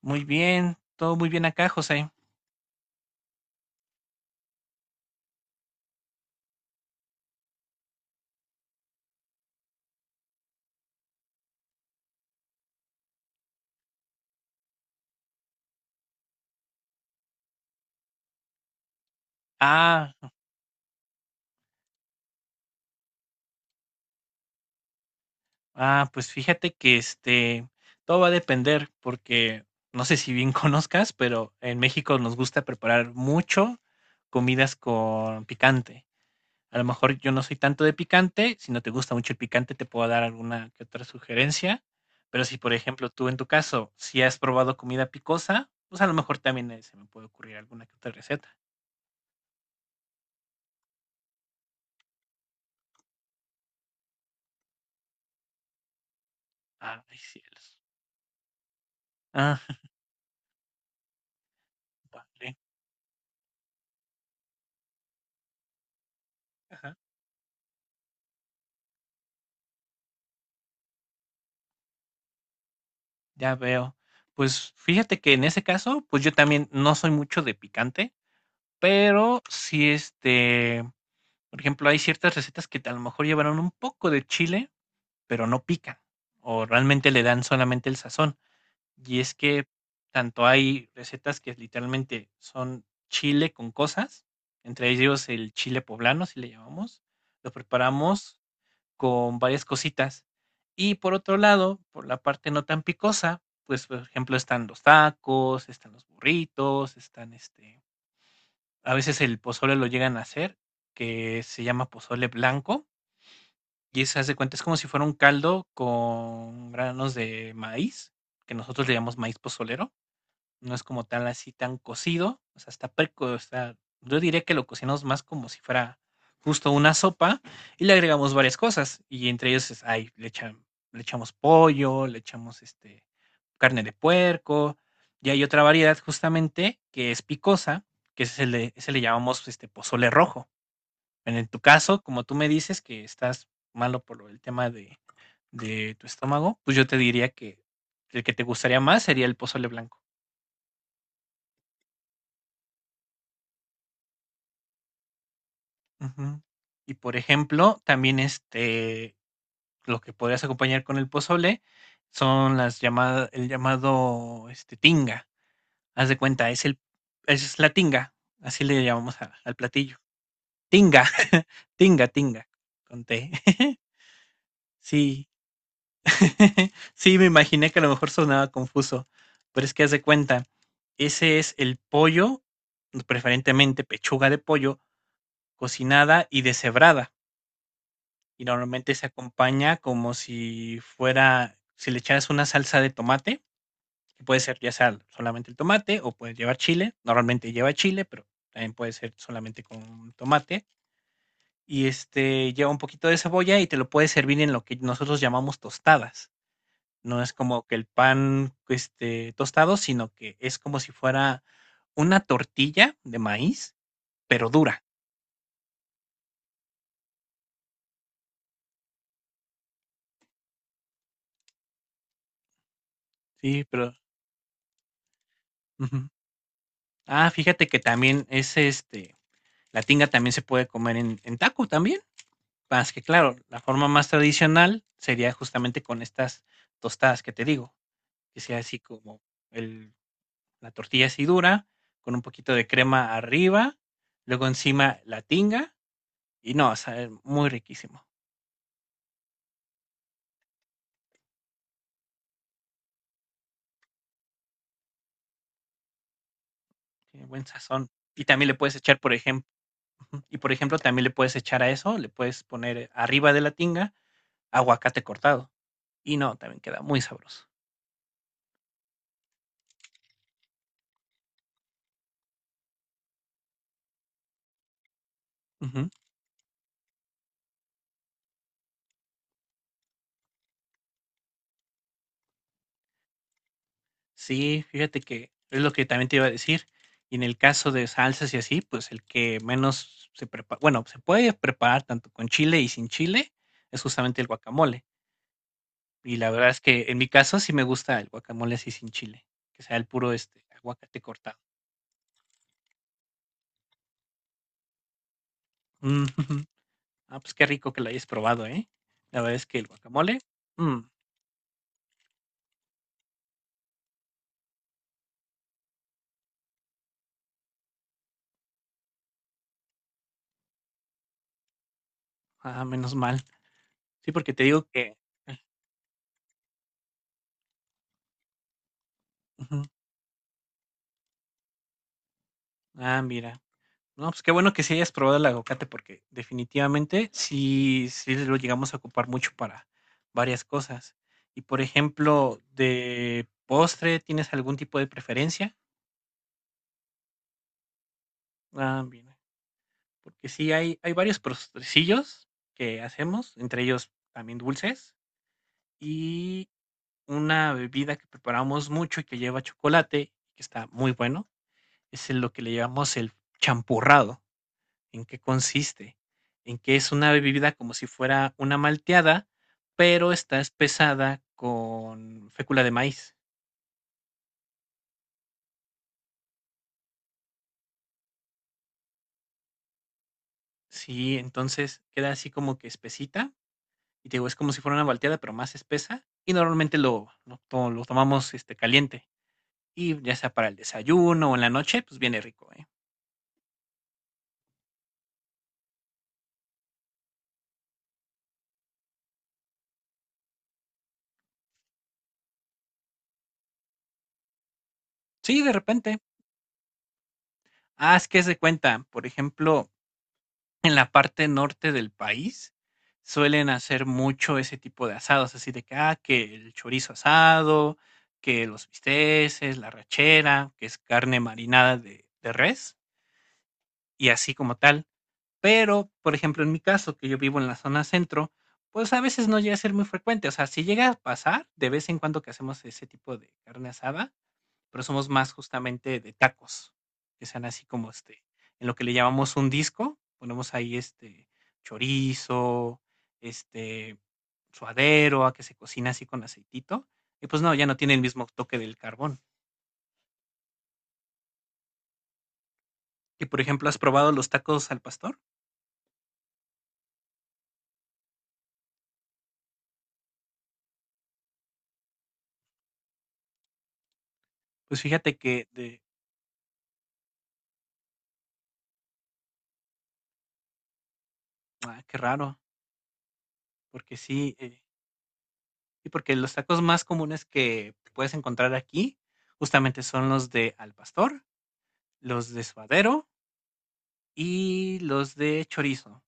Muy bien, todo muy bien acá, José. Ah, pues fíjate que todo va a depender porque no sé si bien conozcas, pero en México nos gusta preparar mucho comidas con picante. A lo mejor yo no soy tanto de picante, si no te gusta mucho el picante te puedo dar alguna que otra sugerencia, pero si por ejemplo tú en tu caso si has probado comida picosa, pues a lo mejor también se me puede ocurrir alguna que otra receta. Ah, ay cielos. Ah, vale. Ya veo. Pues fíjate que en ese caso, pues yo también no soy mucho de picante, pero sí, por ejemplo, hay ciertas recetas que a lo mejor llevaron un poco de chile, pero no pican, o realmente le dan solamente el sazón. Y es que tanto hay recetas que literalmente son chile con cosas, entre ellos el chile poblano, si le llamamos, lo preparamos con varias cositas. Y por otro lado, por la parte no tan picosa, pues, por ejemplo, están los tacos, están los burritos, están a veces el pozole lo llegan a hacer, que se llama pozole blanco, y se hace cuenta, es como si fuera un caldo con granos de maíz, que nosotros le llamamos maíz pozolero, no es como tal así tan cocido, o sea, está, yo diría que lo cocinamos más como si fuera justo una sopa y le agregamos varias cosas, y entre ellos es ay, le echamos pollo, le echamos, carne de puerco, y hay otra variedad justamente que es picosa, que ese le llamamos, pozole rojo. En tu caso, como tú me dices que estás malo por lo del tema de tu estómago, pues yo te diría que el que te gustaría más sería el pozole blanco. Ujú. Y por ejemplo, también, lo que podrías acompañar con el pozole son las llamadas el llamado, tinga. Haz de cuenta, es la tinga, así le llamamos a al platillo. Tinga, tinga, tinga, con T. Sí. Sí, me imaginé que a lo mejor sonaba confuso, pero es que haz de cuenta, ese es el pollo, preferentemente pechuga de pollo cocinada y deshebrada. Y normalmente se acompaña como si fuera, si le echaras una salsa de tomate, que puede ser ya sea solamente el tomate o puede llevar chile, normalmente lleva chile, pero también puede ser solamente con tomate y este lleva un poquito de cebolla y te lo puedes servir en lo que nosotros llamamos tostadas. No es como que el pan este tostado, sino que es como si fuera una tortilla de maíz, pero dura. Sí, pero ujú. Ah, fíjate que también es este la tinga también se puede comer en taco también. Más que claro, la forma más tradicional sería justamente con estas tostadas que te digo, que sea así como el, la tortilla así dura, con un poquito de crema arriba, luego encima la tinga, y no, o sea, es muy riquísimo, tiene buen sazón. Y también le puedes echar, por ejemplo, y por ejemplo, también le puedes echar a eso, le puedes poner arriba de la tinga aguacate cortado, y no, también queda muy sabroso. Ujú. Sí, fíjate que es lo que también te iba a decir. Y en el caso de salsas y así, pues el que menos se prepara, bueno, se puede preparar tanto con chile y sin chile, es justamente el guacamole. Y la verdad es que en mi caso sí me gusta el guacamole así sin chile, que sea el puro este aguacate cortado. Mm, ujú. Ah, pues qué rico que lo hayas probado, ¿eh? La verdad es que el guacamole, mm, ah, menos mal. Sí, porque te digo que... eh, ujú. Ah, mira. No, pues qué bueno que sí hayas probado el aguacate porque definitivamente sí, sí lo llegamos a ocupar mucho para varias cosas. Y por ejemplo, de postre, ¿tienes algún tipo de preferencia? Ah, bien. Porque sí hay varios postrecillos que hacemos, entre ellos también dulces, y una bebida que preparamos mucho y que lleva chocolate, que está muy bueno, lo que le llamamos el champurrado. ¿En qué consiste? En que es una bebida como si fuera una malteada, pero está espesada con fécula de maíz. Sí, entonces queda así como que espesita. Y te digo, es como si fuera una malteada, pero más espesa. Y normalmente lo tomamos caliente. Y ya sea para el desayuno o en la noche, pues viene rico, ¿eh? Sí, de repente. Ah, es que es de cuenta. Por ejemplo, en la parte norte del país suelen hacer mucho ese tipo de asados, así de que, ah, que el chorizo asado, que los bisteces, la rachera, que es carne marinada de res y así como tal. Pero, por ejemplo, en mi caso, que yo vivo en la zona centro, pues a veces no llega a ser muy frecuente. O sea, si llega a pasar de vez en cuando que hacemos ese tipo de carne asada, pero somos más justamente de tacos, que sean así como, en lo que le llamamos un disco, ponemos ahí, chorizo, este, suadero, a que se cocina así con aceitito, y pues no, ya no tiene el mismo toque del carbón. Y por ejemplo, ¿has probado los tacos al pastor? Pues fíjate que de ah, qué raro, porque sí, y porque los tacos más comunes que puedes encontrar aquí justamente son los de al pastor, los de suadero y los de chorizo.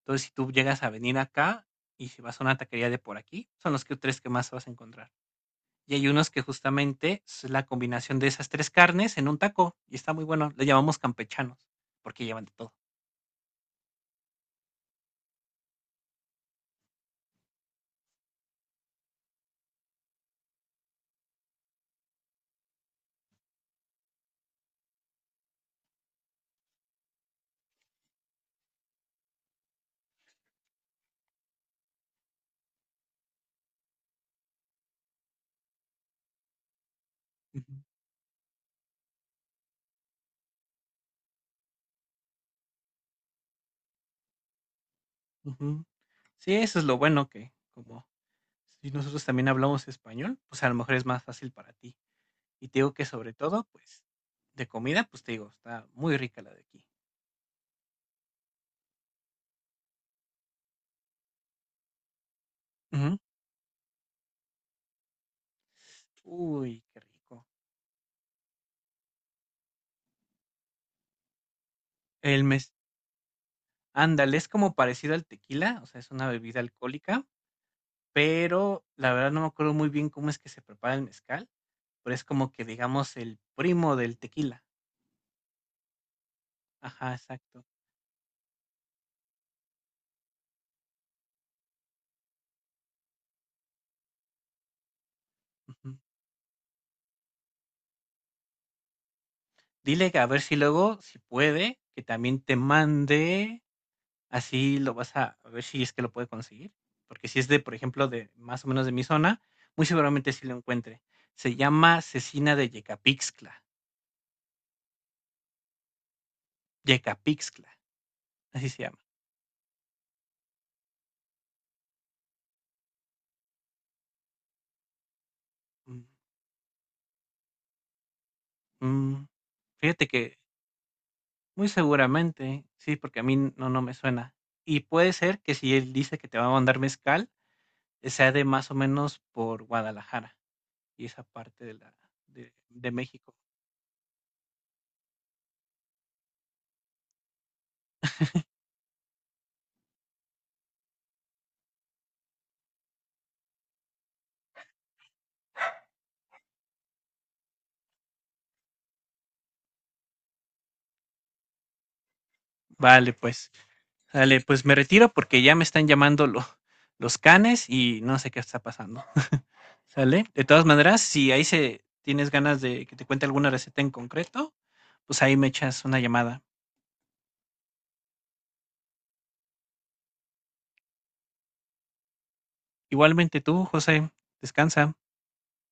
Entonces, si tú llegas a venir acá y si vas a una taquería de por aquí, son los que tres que más vas a encontrar. Y hay unos que justamente es la combinación de esas tres carnes en un taco y está muy bueno. Le llamamos campechanos porque llevan de todo. Ujú, ujú. Sí, eso es lo bueno que como si nosotros también hablamos español, pues a lo mejor es más fácil para ti. Y te digo que sobre todo, pues de comida, pues te digo, está muy rica la de aquí. Ujú. Uy, qué rico. El mes Ándale, es como parecido al tequila, o sea, es una bebida alcohólica, pero la verdad no me acuerdo muy bien cómo es que se prepara el mezcal, pero es como que digamos el primo del tequila. Ajá, exacto. Ujú. Dile que a ver si luego, si puede, que también te mande, así lo vas a ver si es que lo puede conseguir, porque si es de, por ejemplo, de más o menos de mi zona, muy seguramente sí lo encuentre. Se llama cecina de Yecapixtla, Yecapixtla, así se llama. Mm, mm. Fíjate que muy seguramente, sí, porque a mí no, no me suena. Y puede ser que si él dice que te va a mandar mezcal, sea de más o menos por Guadalajara y esa parte de la de México. Vale, pues, dale, pues me retiro porque ya me están llamando los canes y no sé qué está pasando. ¿Sale? De todas maneras, si ahí se tienes ganas de que te cuente alguna receta en concreto, pues ahí me echas una llamada. Igualmente tú, José, descansa.